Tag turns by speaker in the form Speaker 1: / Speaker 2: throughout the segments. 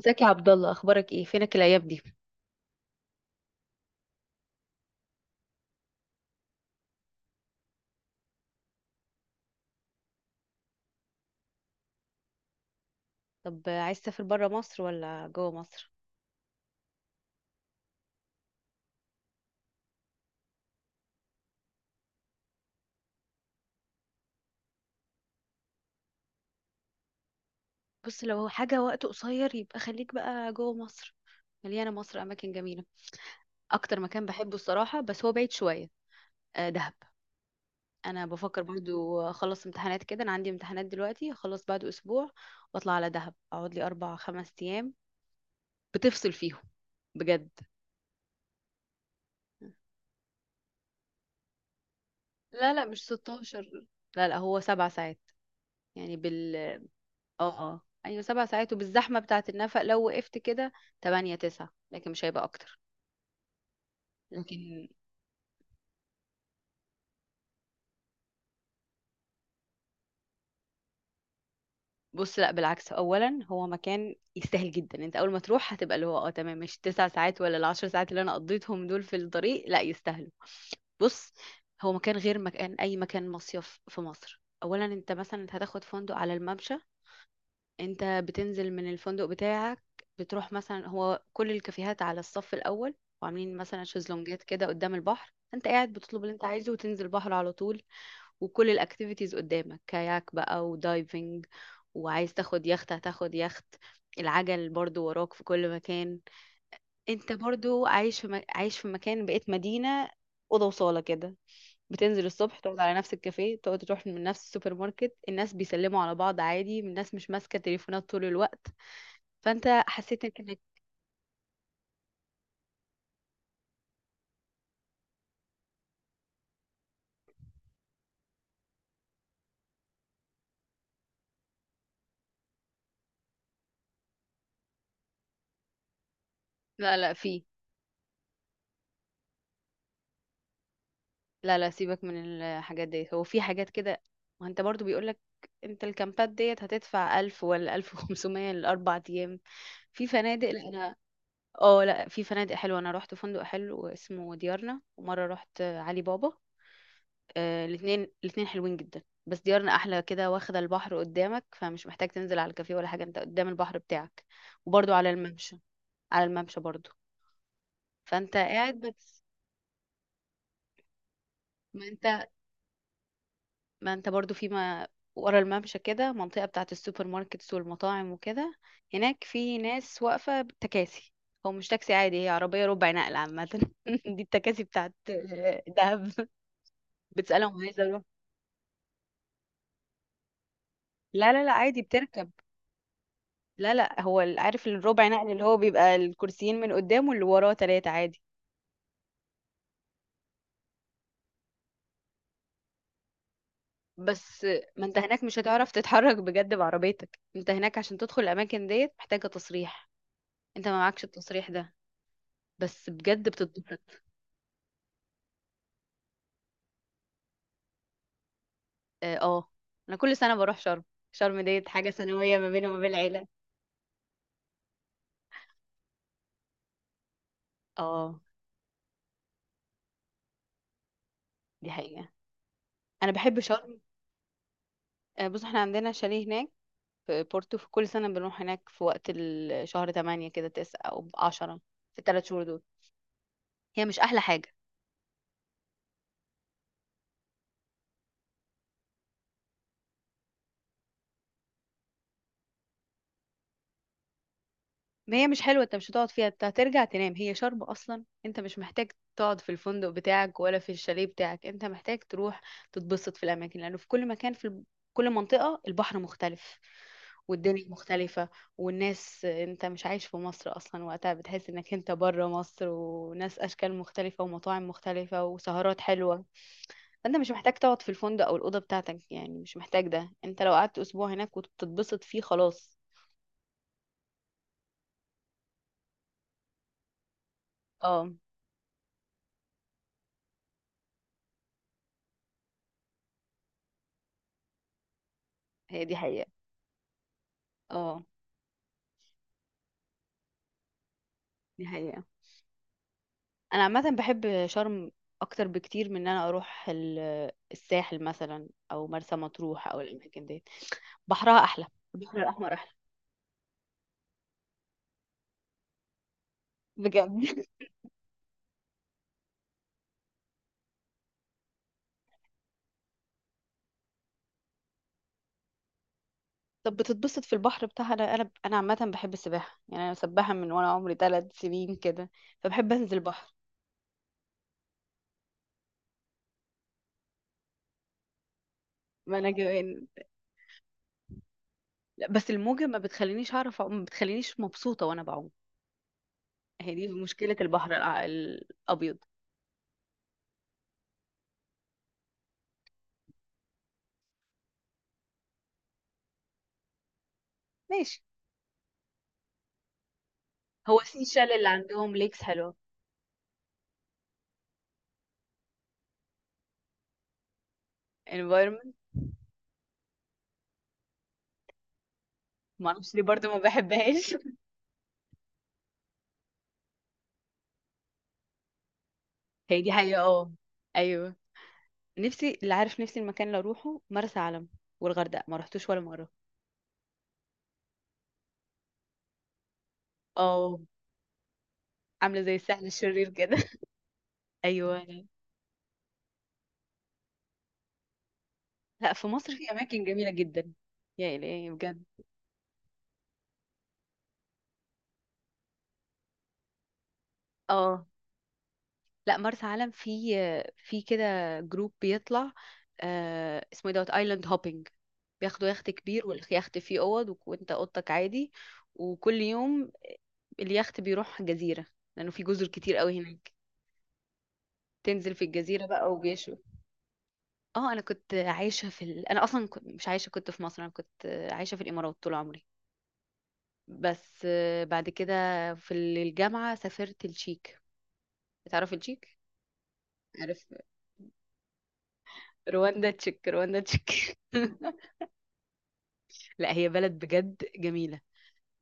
Speaker 1: ازيك يا عبد الله؟ اخبارك ايه؟ فينك الايام دي؟ طب عايز تسافر بره مصر ولا جوه مصر؟ بص، لو هو حاجه وقت قصير يبقى خليك بقى جوه مصر. مليانه مصر اماكن جميله. اكتر مكان بحبه الصراحه، بس هو بعيد شويه. آه، دهب. انا بفكر برضو اخلص امتحانات كده. انا عندي امتحانات دلوقتي، اخلص بعد اسبوع واطلع على دهب، اقعد لي 4 5 ايام بتفصل فيهم، بجد. لا لا، مش 16. لا لا، هو 7 ساعات. يعني بال اه ايوه، 7 ساعات، وبالزحمه بتاعه النفق لو وقفت كده 8 9، لكن مش هيبقى اكتر. لكن بص، لا بالعكس، اولا هو مكان يستاهل جدا. انت اول ما تروح هتبقى اللي هو اه تمام. مش ال9 ساعات ولا ال10 ساعات اللي انا قضيتهم دول في الطريق، لا يستاهلوا. بص، هو مكان غير مكان. اي مكان مصيف في مصر، اولا انت مثلا هتاخد فندق على الممشى. انت بتنزل من الفندق بتاعك، بتروح مثلا هو كل الكافيهات على الصف الاول، وعاملين مثلا شезلونجات كده قدام البحر. انت قاعد بتطلب اللي انت عايزه وتنزل البحر على طول. وكل الاكتيفيتيز قدامك، كاياك بقى ودايفنج. وعايز تاخد يخت هتاخد يخت. العجل برضو وراك في كل مكان. انت برضو عايش في مكان. بقيت مدينة، اوضه وصاله كده. بتنزل الصبح، تقعد على نفس الكافيه، تقعد، تروح من نفس السوبر ماركت. الناس بيسلموا على بعض عادي، الناس مش ماسكة تليفونات طول الوقت. فانت حسيت انك لا لا، في، لا لا، سيبك من الحاجات ديت، هو في حاجات كده. ما انت برضو بيقولك، انت الكامبات ديت هتدفع 1000 ولا 1500 ل4 ايام. في فنادق، لا انا. اه، لا في فنادق حلوه. انا رحت فندق حلو اسمه ديارنا، ومره رحت علي بابا. آه، الاثنين الاثنين حلوين جدا، بس ديارنا احلى كده واخده البحر قدامك، فمش محتاج تنزل على الكافيه ولا حاجه، انت قدام البحر بتاعك. وبرضو على الممشى، على الممشى برضو. فانت قاعد بس. ما انت ما انت برضو في ما ورا الممشى، كده منطقة بتاعة السوبر ماركتس والمطاعم وكده. هناك في ناس واقفة تكاسي. هو مش تاكسي عادي، هي عربية ربع نقل عامة دي التكاسي بتاعة دهب. بتسألهم عايزة اروح. لا لا لا، عادي بتركب. لا لا، هو عارف الربع نقل اللي هو بيبقى الكرسيين من قدام، واللي وراه تلاتة عادي. بس ما انت هناك مش هتعرف تتحرك بجد بعربيتك. انت هناك عشان تدخل الاماكن ديت محتاجة تصريح، انت ما معكش التصريح ده. بس بجد بتتبسط. اه، آه. انا كل سنة بروح شرم، شرم ديت حاجة سنوية ما بيني وما بين العيلة. اه، دي حقيقة. انا بحب شرم. آه، بص احنا عندنا شاليه هناك في بورتو. في كل سنة بنروح هناك في وقت شهر 8 كده، 9 او 10، في ال3 شهور دول. هي مش احلى حاجة؟ ما هي مش حلوة، انت مش هتقعد فيها، انت هترجع تنام. هي شرب اصلا، انت مش محتاج تقعد في الفندق بتاعك ولا في الشاليه بتاعك، انت محتاج تروح تتبسط في الاماكن، لانه في كل مكان في كل منطقة البحر مختلف، والدنيا مختلفة، والناس. انت مش عايش في مصر اصلا وقتها، بتحس انك انت بره مصر، وناس اشكال مختلفة ومطاعم مختلفة وسهرات حلوة. فانت مش محتاج تقعد في الفندق او الاوضة بتاعتك، يعني مش محتاج ده. انت لو قعدت اسبوع هناك وتتبسط فيه، خلاص. اه، هي دي حقيقة. اه، دي حقيقة. انا عامه بحب شرم اكتر بكتير من ان انا اروح الساحل مثلا او مرسى مطروح او الاماكن دي. بحرها احلى، البحر الاحمر احلى. بجد طب بتتبسط في البحر بتاعها؟ انا عامه بحب السباحه. يعني انا سباحه من وانا عمري 3 سنين كده، فبحب انزل بحر. ما انا جوان. لا، بس الموجه ما بتخلينيش اعرف أعوم، ما بتخلينيش مبسوطه وانا بعوم. هي دي مشكله البحر الابيض. ماشي. هو سيشال اللي عندهم ليكس حلو. environment. ما اعرفش ليه برضه ما بحبهاش هي دي حقيقة. اه، ايوه. نفسي اللي عارف، نفسي المكان اللي اروحه مرسى علم. والغردقة ما رحتوش ولا مرة. اه، عاملة زي الساحل الشرير كده ايوه، لا في مصر في اماكن جميلة جدا. يا الهي بجد. اه، لا مرسى علم في، في كده جروب بيطلع. آه اسمه إيه؟ دوت ايلاند هوبينج. بياخدوا يخت كبير، واليخت فيه اوض وانت اوضتك عادي. وكل يوم اليخت بيروح جزيرة، لانه في جزر كتير قوي هناك. تنزل في الجزيرة بقى وبيشوا. اه، انا كنت عايشه في انا اصلا كنت مش عايشه، كنت في مصر. انا كنت عايشه في الامارات طول عمري. بس آه، بعد كده في الجامعه سافرت التشيك. بتعرف التشيك؟ عارف رواندا تشيك، رواندا تشيك لا هي بلد بجد جميله،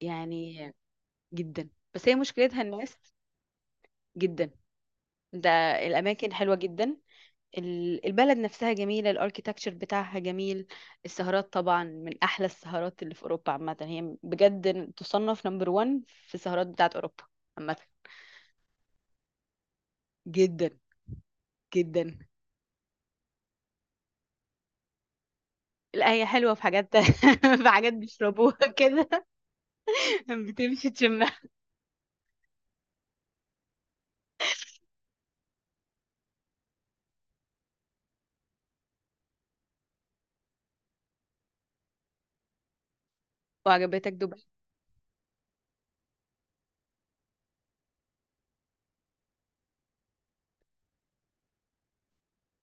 Speaker 1: يعني جدا. بس هي مشكلتها الناس. جدا ده. الاماكن حلوه جدا. البلد نفسها جميلة، الاركيتكتشر بتاعها جميل. السهرات طبعا من أحلى السهرات اللي في أوروبا عامة، هي بجد تصنف نمبر ون في السهرات بتاعت أوروبا عامة. جدا جدا. لا هي حلوة في حاجات في حاجات بيشربوها كده بتمشي تشمها. وعجبتك دبي؟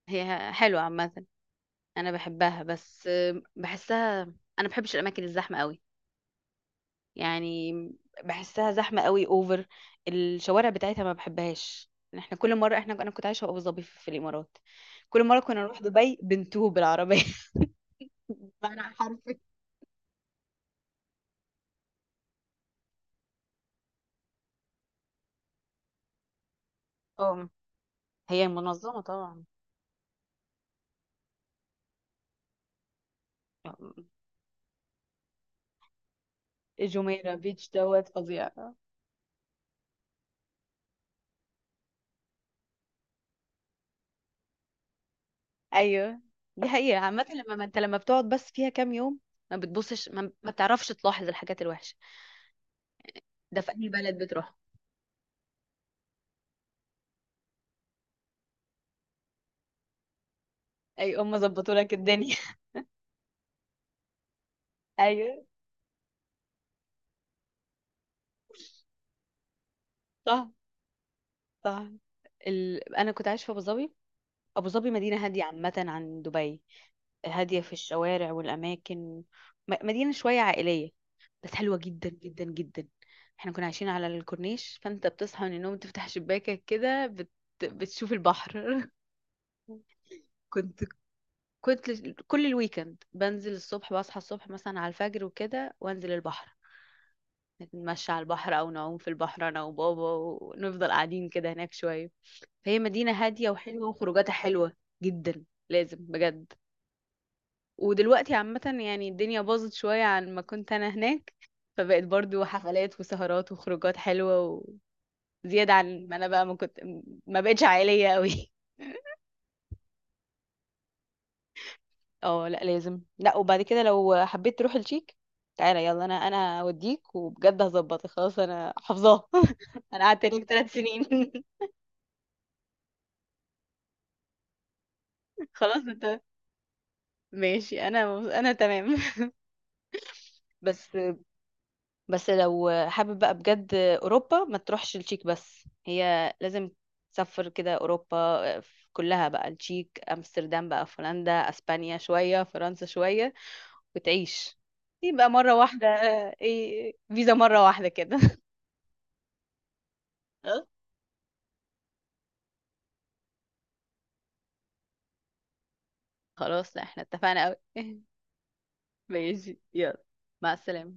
Speaker 1: هي حلوة عامة، أنا بحبها، بس بحسها، أنا بحبش الأماكن الزحمة قوي. يعني بحسها زحمة قوي، اوفر. الشوارع بتاعتها ما بحبهاش. احنا كل مرة احنا، انا كنت عايشة في ابو ظبي، في الامارات، كل مرة كنا نروح دبي بنتوه بالعربية بمعنى حرفي. اه، هي منظمة طبعا. جميرة بيتش دوت فظيع. ايوه، دي حقيقة عامة. لما ما انت لما بتقعد بس فيها كام يوم، ما بتبصش، ما بتعرفش تلاحظ الحاجات الوحشة. ده في اي بلد بتروح، اي ام ظبطوا لك الدنيا ايوه، صح صح. انا كنت عايشه في ابو ظبي. أبو ظبي مدينة هادية عامة عن دبي، هادية في الشوارع والأماكن. مدينة شوية عائلية، بس حلوة جدا جدا جدا. احنا كنا عايشين على الكورنيش، فانت بتصحى من النوم تفتح شباكك كده بتشوف البحر كنت كنت كل الويكند بنزل الصبح، بصحى الصبح مثلا على الفجر وكده، وانزل البحر، نتمشى على البحر او نعوم في البحر انا وبابا، ونفضل قاعدين كده هناك شوية. فهي مدينة هادية وحلوة وخروجاتها حلوة جدا. لازم بجد. ودلوقتي عامة يعني الدنيا باظت شوية عن ما كنت أنا هناك، فبقت برضو حفلات وسهرات وخروجات حلوة، وزيادة عن ما أنا بقى ما كنت. ما بقتش عائلية قوي اه، لا لازم. لا، وبعد كده لو حبيت تروح الشيك، تعالى يلا، انا اوديك، وبجد هظبطك خلاص، انا حافظاها أنا قعدت هناك 3 سنين خلاص أنت، ماشي. أنا تمام بس بس لو حابب بقى بجد اوروبا، ما تروحش التشيك بس، هي لازم تسافر كده اوروبا كلها بقى، التشيك، امستردام بقى في هولندا، اسبانيا شويه، فرنسا شويه، وتعيش، يبقى مره واحده. ايه؟ فيزا مره واحده كده خلاص، لا احنا اتفقنا قوي ماشي يلا، مع السلامه.